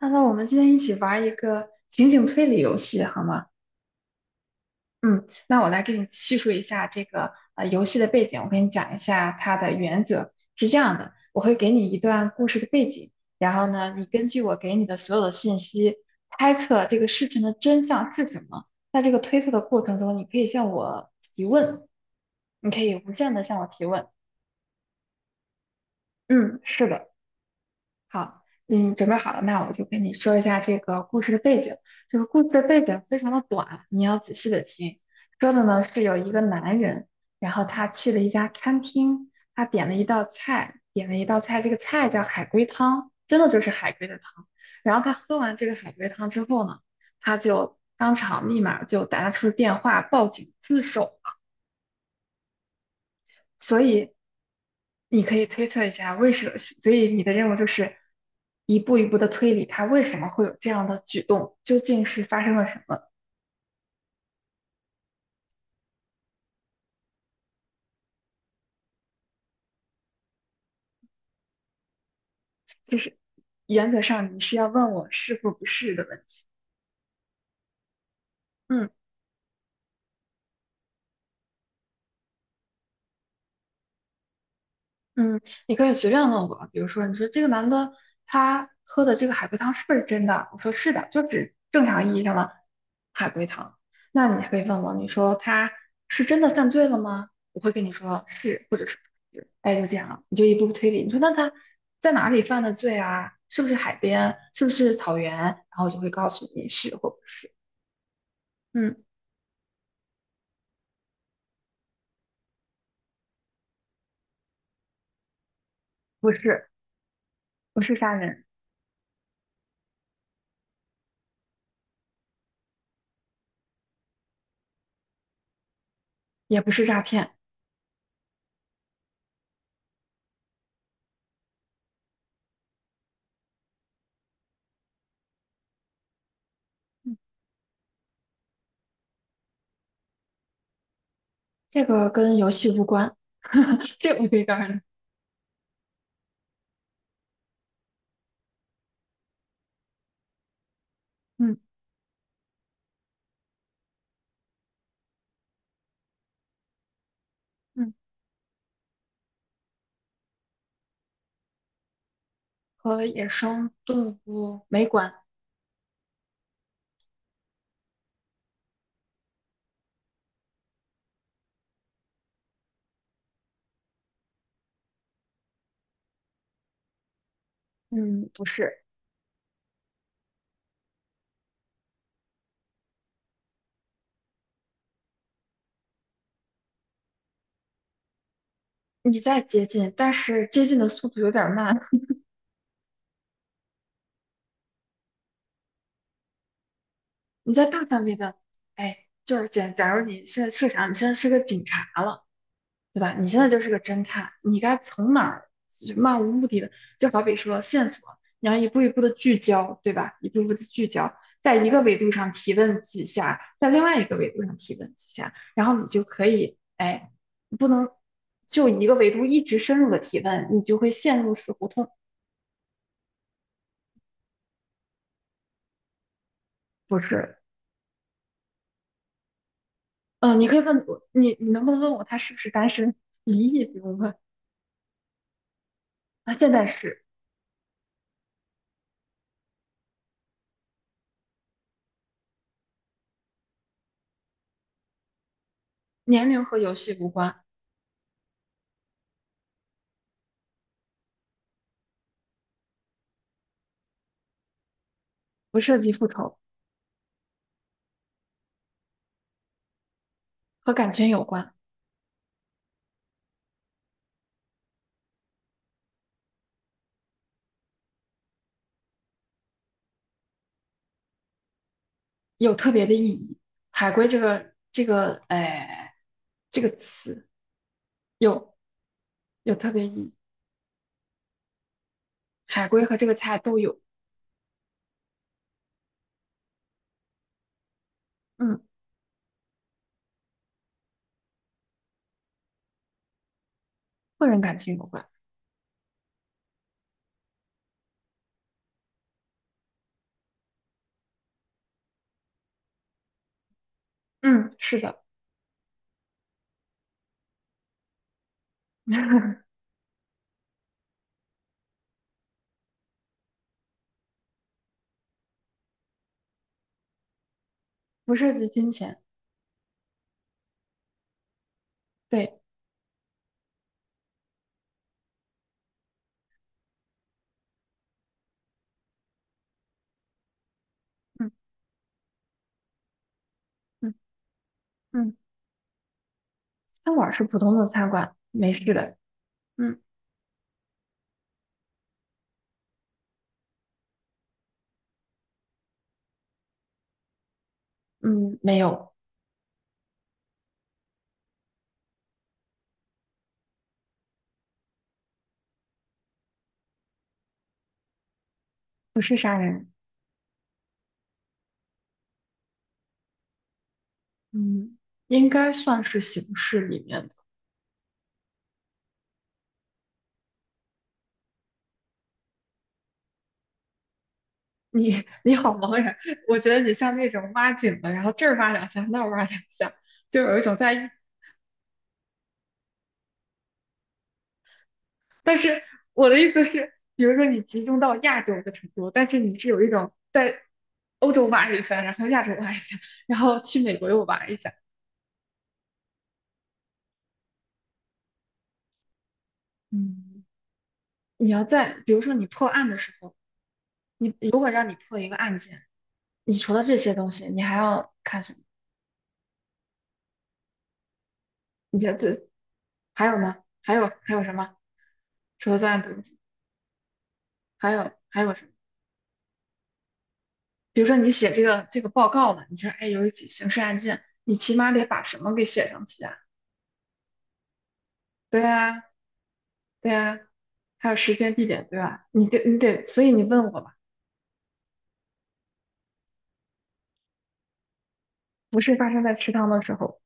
那我们今天一起玩一个情景推理游戏，好吗？嗯，那我来给你叙述一下这个游戏的背景，我给你讲一下它的原则是这样的，我会给你一段故事的背景，然后呢，你根据我给你的所有的信息猜测这个事情的真相是什么。在这个推测的过程中，你可以向我提问，你可以无限的向我提问。嗯，是的。好，嗯，准备好了，那我就跟你说一下这个故事的背景。这个故事的背景非常的短，你要仔细的听。说的呢是有一个男人，然后他去了一家餐厅，他点了一道菜，这个菜叫海龟汤，真的就是海龟的汤。然后他喝完这个海龟汤之后呢，他就当场立马就打出电话报警自首。所以你可以推测一下为什么，所以你的任务就是一步一步的推理他为什么会有这样的举动，究竟是发生了什么？就是原则上你是要问我是或不是的问题。嗯。嗯，你可以随便问我，比如说，你说这个男的他喝的这个海龟汤是不是真的？我说是的，就是正常意义上的海龟汤。那你还可以问我，你说他是真的犯罪了吗？我会跟你说是，或者是不是，哎，就这样了，你就一步步推理。你说那他在哪里犯的罪啊？是不是海边？是不是草原？然后我就会告诉你是或不是。嗯，不是，不是杀人，也不是诈骗，嗯这个跟游戏无关。这个我可以告诉你。嗯。嗯，和野生动物没关。嗯，不是，你在接近，但是接近的速度有点儿慢。你在大范围的，哎，就是假如你现在设想，你现在是个警察了。对吧？你现在就是个侦探，你该从哪儿就漫无目的的，就好比说线索，你要一步一步的聚焦，对吧？一步一步的聚焦，在一个维度上提问几下，在另外一个维度上提问几下，然后你就可以，哎，不能就一个维度一直深入的提问，你就会陷入死胡同。不是，嗯、你可以问我，你能不能问我他是不是单身？离异不用问，他现在是，年龄和游戏无关，不涉及复仇，和感情有关。有特别的意义。海归这个哎这个词有有特别意义，海归和这个菜都有，嗯，个人感情有关，嗯，是的，不涉及金钱，对，嗯嗯嗯，餐馆是普通的餐馆，没事的，嗯嗯，没有，不是杀人，嗯，应该算是刑事里面的。你你好茫然，我觉得你像那种挖井的，然后这儿挖两下，那儿挖两下，就有一种在，但是我的意思是，比如说你集中到亚洲的程度，但是你是有一种在欧洲玩一下，然后亚洲玩一下，然后去美国又玩一下。嗯，你要在比如说你破案的时候，你如果让你破一个案件，你除了这些东西，你还要看什么？你觉得这，还有呢？还有什么？除了作案毒品，还有什么？比如说你写这个报告了，你说哎有一起刑事案件，你起码得把什么给写上去啊？对啊，对呀，还有时间、地点，对吧？你得，所以你问我吧，不是发生在食堂的时候，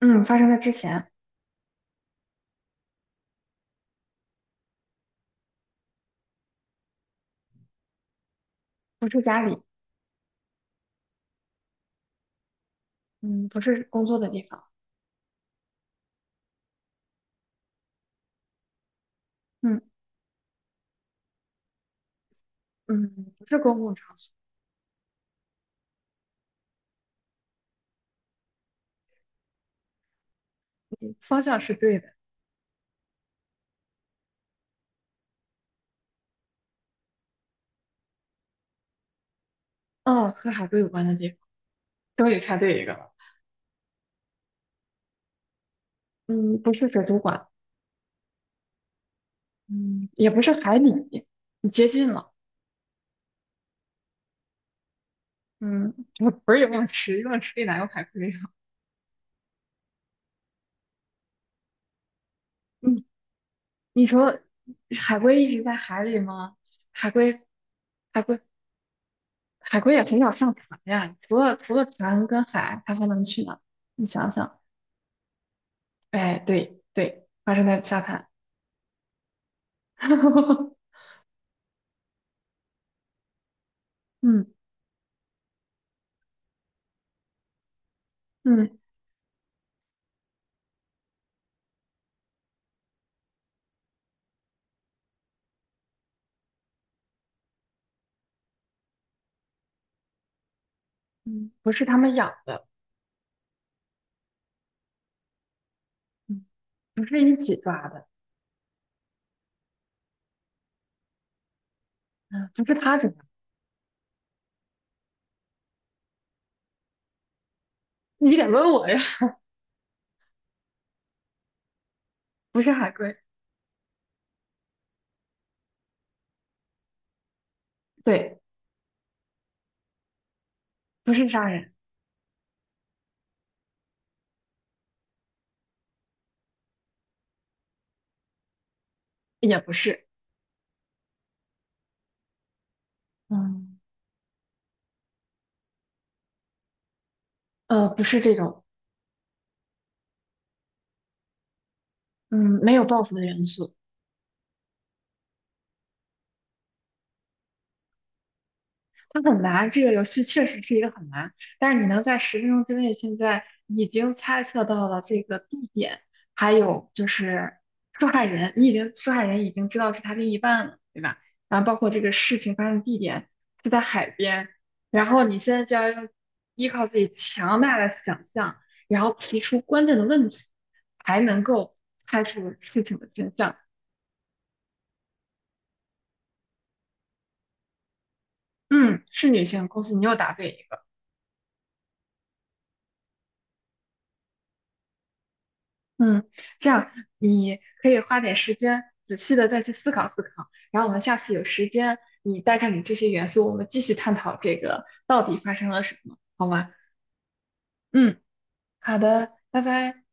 嗯，发生在之前，不是家里，嗯，不是工作的地方，嗯嗯，不是公共场所，你方向是对的，嗯，和海龟有关的地方，终于猜对一个了，嗯，不是水族馆，嗯，也不是海里，你接近了，嗯，也不是游泳池，游泳池里哪有海龟啊？嗯，你说海龟一直在海里吗？海龟。海龟海龟也很少上船呀，除了船跟海，它还能去哪？你想想，哎，对对，发生在沙滩，嗯嗯嗯，不是他们养的，嗯，不是一起抓的，嗯，不是他抓的，你得问我呀，不是海龟，对，不是杀人，也不是，嗯，不是这种，嗯，没有报复的元素，它很难，这个游戏确实是一个很难，但是你能在10分钟之内，现在已经猜测到了这个地点，还有就是受害人，你已经受害人已经知道是他另一半了，对吧？然后包括这个事情发生地点是在海边，然后你现在就要用依靠自己强大的想象，然后提出关键的问题，才能够猜出事情的真相。嗯，是女性，恭喜你又答对一个。嗯，这样你可以花点时间仔细的再去思考思考，然后我们下次有时间，你带上你这些元素，我们继续探讨这个到底发生了什么，好吗？嗯，好的，拜拜。